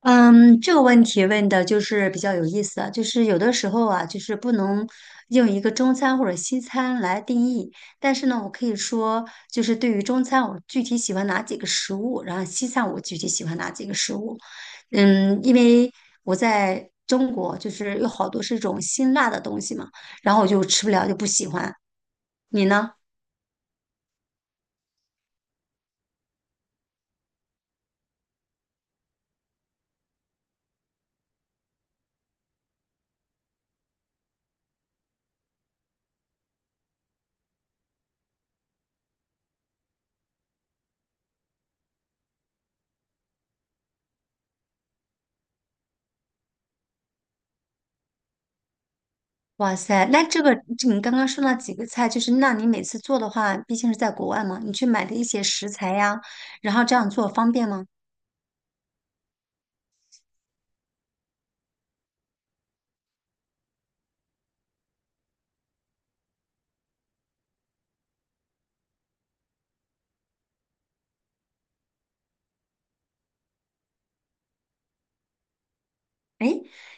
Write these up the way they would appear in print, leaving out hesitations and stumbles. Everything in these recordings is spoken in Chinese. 嗯，这个问题问的就是比较有意思啊，就是有的时候啊，就是不能用一个中餐或者西餐来定义，但是呢，我可以说，就是对于中餐，我具体喜欢哪几个食物，然后西餐我具体喜欢哪几个食物。嗯，因为我在中国，就是有好多是这种辛辣的东西嘛，然后我就吃不了，就不喜欢。你呢？哇塞，那这个这你刚刚说了几个菜，就是那你每次做的话，毕竟是在国外嘛，你去买的一些食材呀，然后这样做方便吗？哎，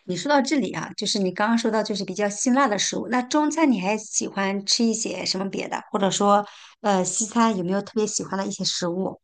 你说到这里啊，就是你刚刚说到就是比较辛辣的食物，那中餐你还喜欢吃一些什么别的，或者说西餐有没有特别喜欢的一些食物？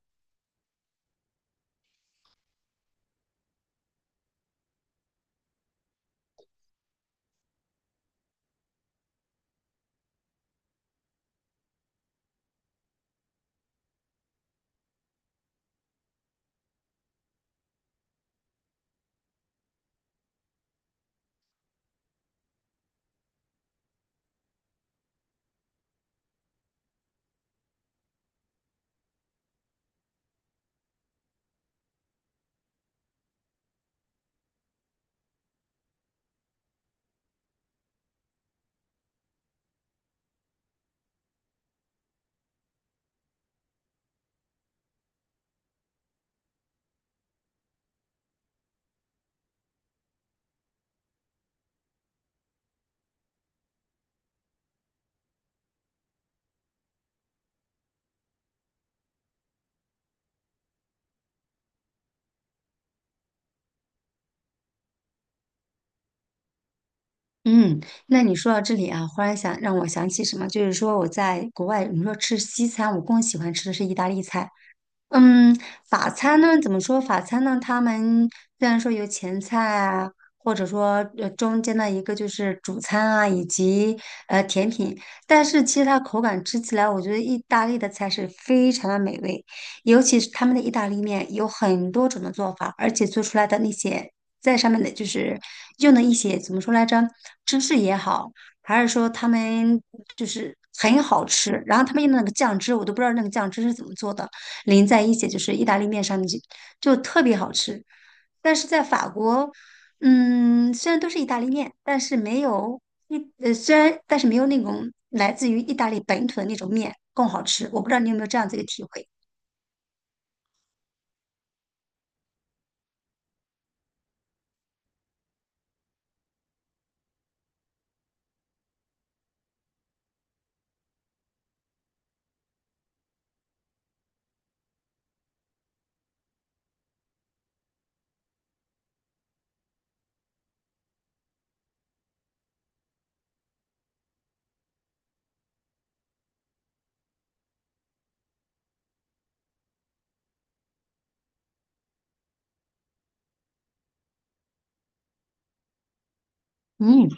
嗯，那你说到这里啊，忽然想让我想起什么，就是说我在国外，你说吃西餐，我更喜欢吃的是意大利菜。嗯，法餐呢，怎么说？法餐呢，他们虽然说有前菜啊，或者说中间的一个就是主餐啊，以及甜品，但是其实它口感吃起来，我觉得意大利的菜是非常的美味，尤其是他们的意大利面有很多种的做法，而且做出来的那些在上面的就是用的一些怎么说来着，芝士也好，还是说他们就是很好吃，然后他们用的那个酱汁，我都不知道那个酱汁是怎么做的。淋在一起就是意大利面上面就特别好吃，但是在法国，嗯，虽然都是意大利面，但是没有一呃虽然但是没有那种来自于意大利本土的那种面更好吃。我不知道你有没有这样子一个体会？嗯。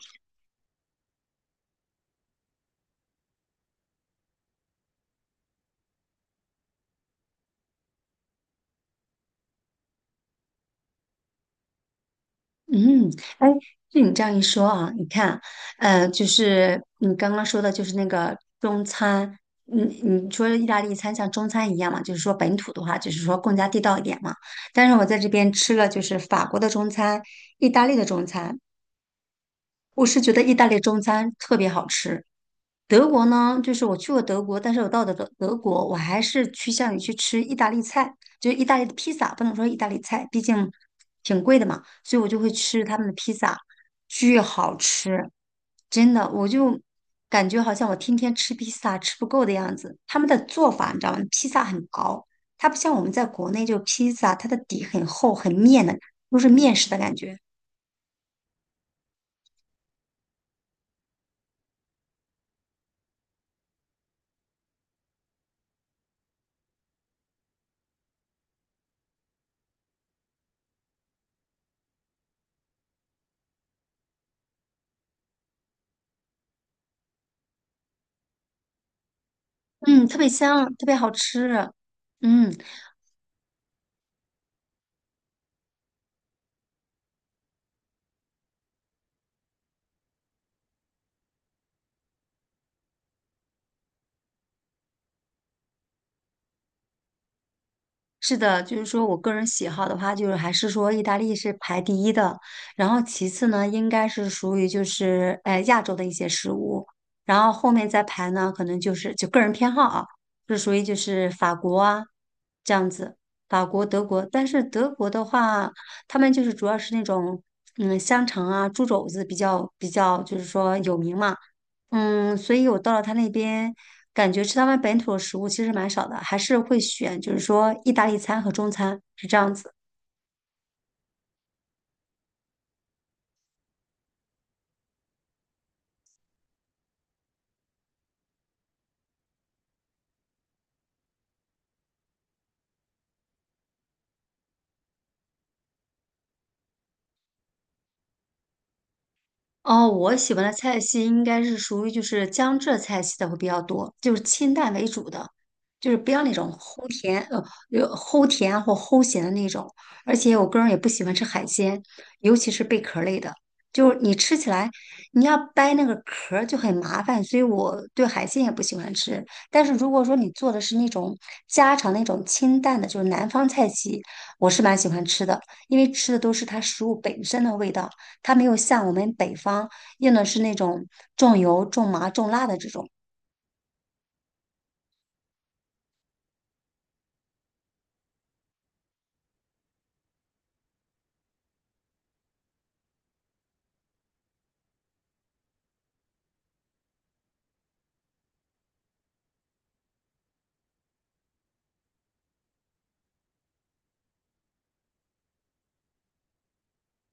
嗯，哎，就你这样一说啊，你看，就是你刚刚说的，就是那个中餐，你说意大利餐像中餐一样嘛，就是说本土的话，就是说更加地道一点嘛。但是我在这边吃了就是法国的中餐、意大利的中餐，我是觉得意大利中餐特别好吃，德国呢，就是我去过德国，但是我到的德国，我还是趋向于去吃意大利菜，就是意大利的披萨，不能说意大利菜，毕竟挺贵的嘛，所以我就会吃他们的披萨，巨好吃，真的，我就感觉好像我天天吃披萨吃不够的样子。他们的做法你知道吗？披萨很薄，它不像我们在国内就披萨，它的底很厚很面的，都是面食的感觉，嗯，特别香，特别好吃。嗯，是的，就是说我个人喜好的话，就是还是说意大利是排第一的，然后其次呢，应该是属于就是亚洲的一些食物，然后后面再排呢，可能就是就个人偏好啊，是属于就是法国啊这样子，法国、德国，但是德国的话，他们就是主要是那种嗯香肠啊、猪肘子比较就是说有名嘛，嗯，所以我到了他那边，感觉吃他们本土的食物其实蛮少的，还是会选就是说意大利餐和中餐，是这样子。哦，我喜欢的菜系应该是属于就是江浙菜系的会比较多，就是清淡为主的，就是不要那种有齁甜或齁咸的那种。而且我个人也不喜欢吃海鲜，尤其是贝壳类的，就是你吃起来你要掰那个壳儿就很麻烦，所以我对海鲜也不喜欢吃。但是如果说你做的是那种家常那种清淡的，就是南方菜系，我是蛮喜欢吃的，因为吃的都是它食物本身的味道。它没有像我们北方用的是那种重油、重麻、重辣的这种，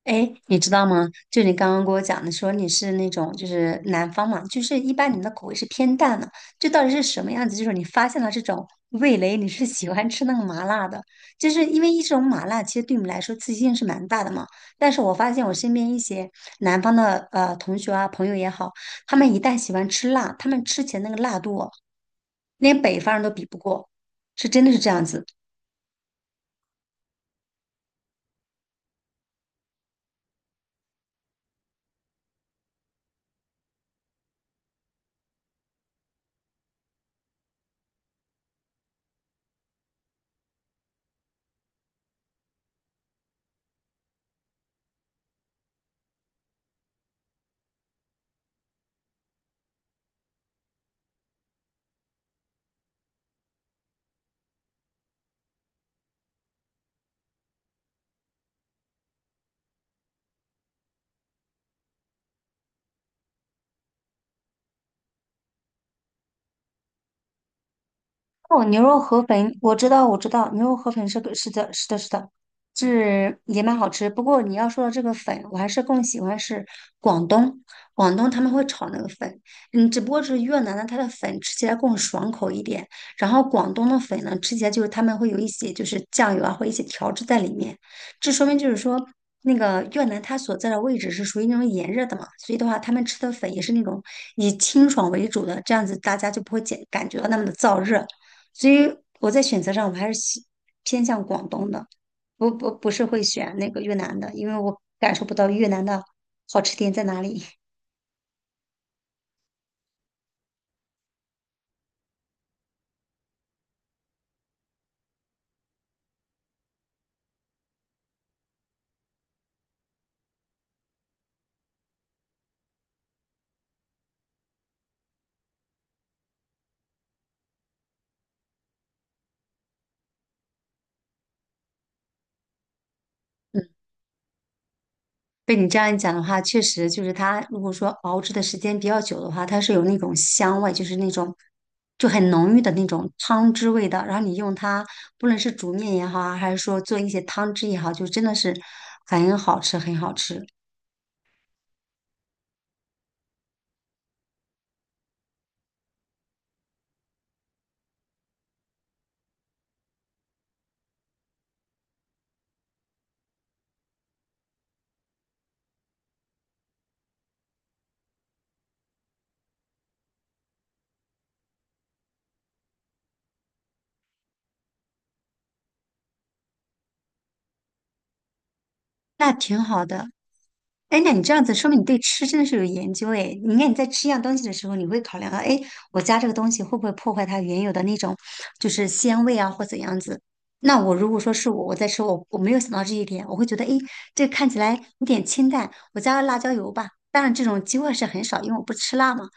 哎，诶你知道吗？就你刚刚跟我讲的，说你是那种就是南方嘛，就是一般你们的口味是偏淡的，这到底是什么样子？就是你发现了这种味蕾，你是喜欢吃那个麻辣的，就是因为一种麻辣其实对你们来说刺激性是蛮大的嘛。但是我发现我身边一些南方的同学啊朋友也好，他们一旦喜欢吃辣，他们吃起来那个辣度哦，连北方人都比不过，是真的是这样子。哦，牛肉河粉，我知道，我知道，牛肉河粉是个是的，是的，是的，是也蛮好吃。不过你要说到这个粉，我还是更喜欢是广东，广东他们会炒那个粉，嗯，只不过是越南的它的粉吃起来更爽口一点，然后广东的粉呢吃起来就是他们会有一些就是酱油啊或一些调制在里面，这说明就是说。那个越南它所在的位置是属于那种炎热的嘛，所以的话，他们吃的粉也是那种以清爽为主的，这样子大家就不会感觉到那么的燥热。所以我在选择上我还是喜偏向广东的，不不是会选那个越南的，因为我感受不到越南的好吃点在哪里。嗯，被你这样一讲的话，确实就是它如果说熬制的时间比较久的话，它是有那种香味，就是那种就很浓郁的那种汤汁味道，然后你用它，不论是煮面也好啊，还是说做一些汤汁也好，就真的是很好吃，很好吃。那挺好的，哎，那你这样子说明你对吃真的是有研究哎。你看你在吃一样东西的时候，你会考量到，哎，我加这个东西会不会破坏它原有的那种就是鲜味啊，或怎样子？那我如果说是我在吃，我没有想到这一点，我会觉得，哎，这看起来有点清淡，我加了辣椒油吧。当然这种机会是很少，因为我不吃辣嘛。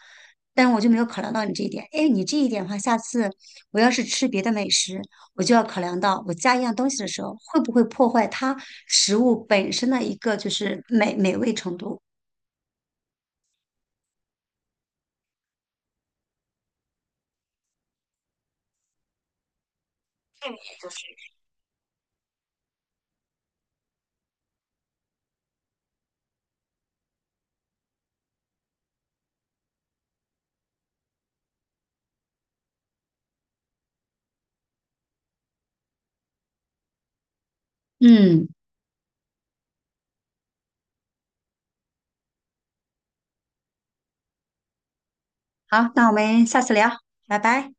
但是我就没有考量到你这一点。哎，你这一点的话，下次我要是吃别的美食，我就要考量到我加一样东西的时候，会不会破坏它食物本身的一个就是美味程度。嗯，好，那我们下次聊，拜拜。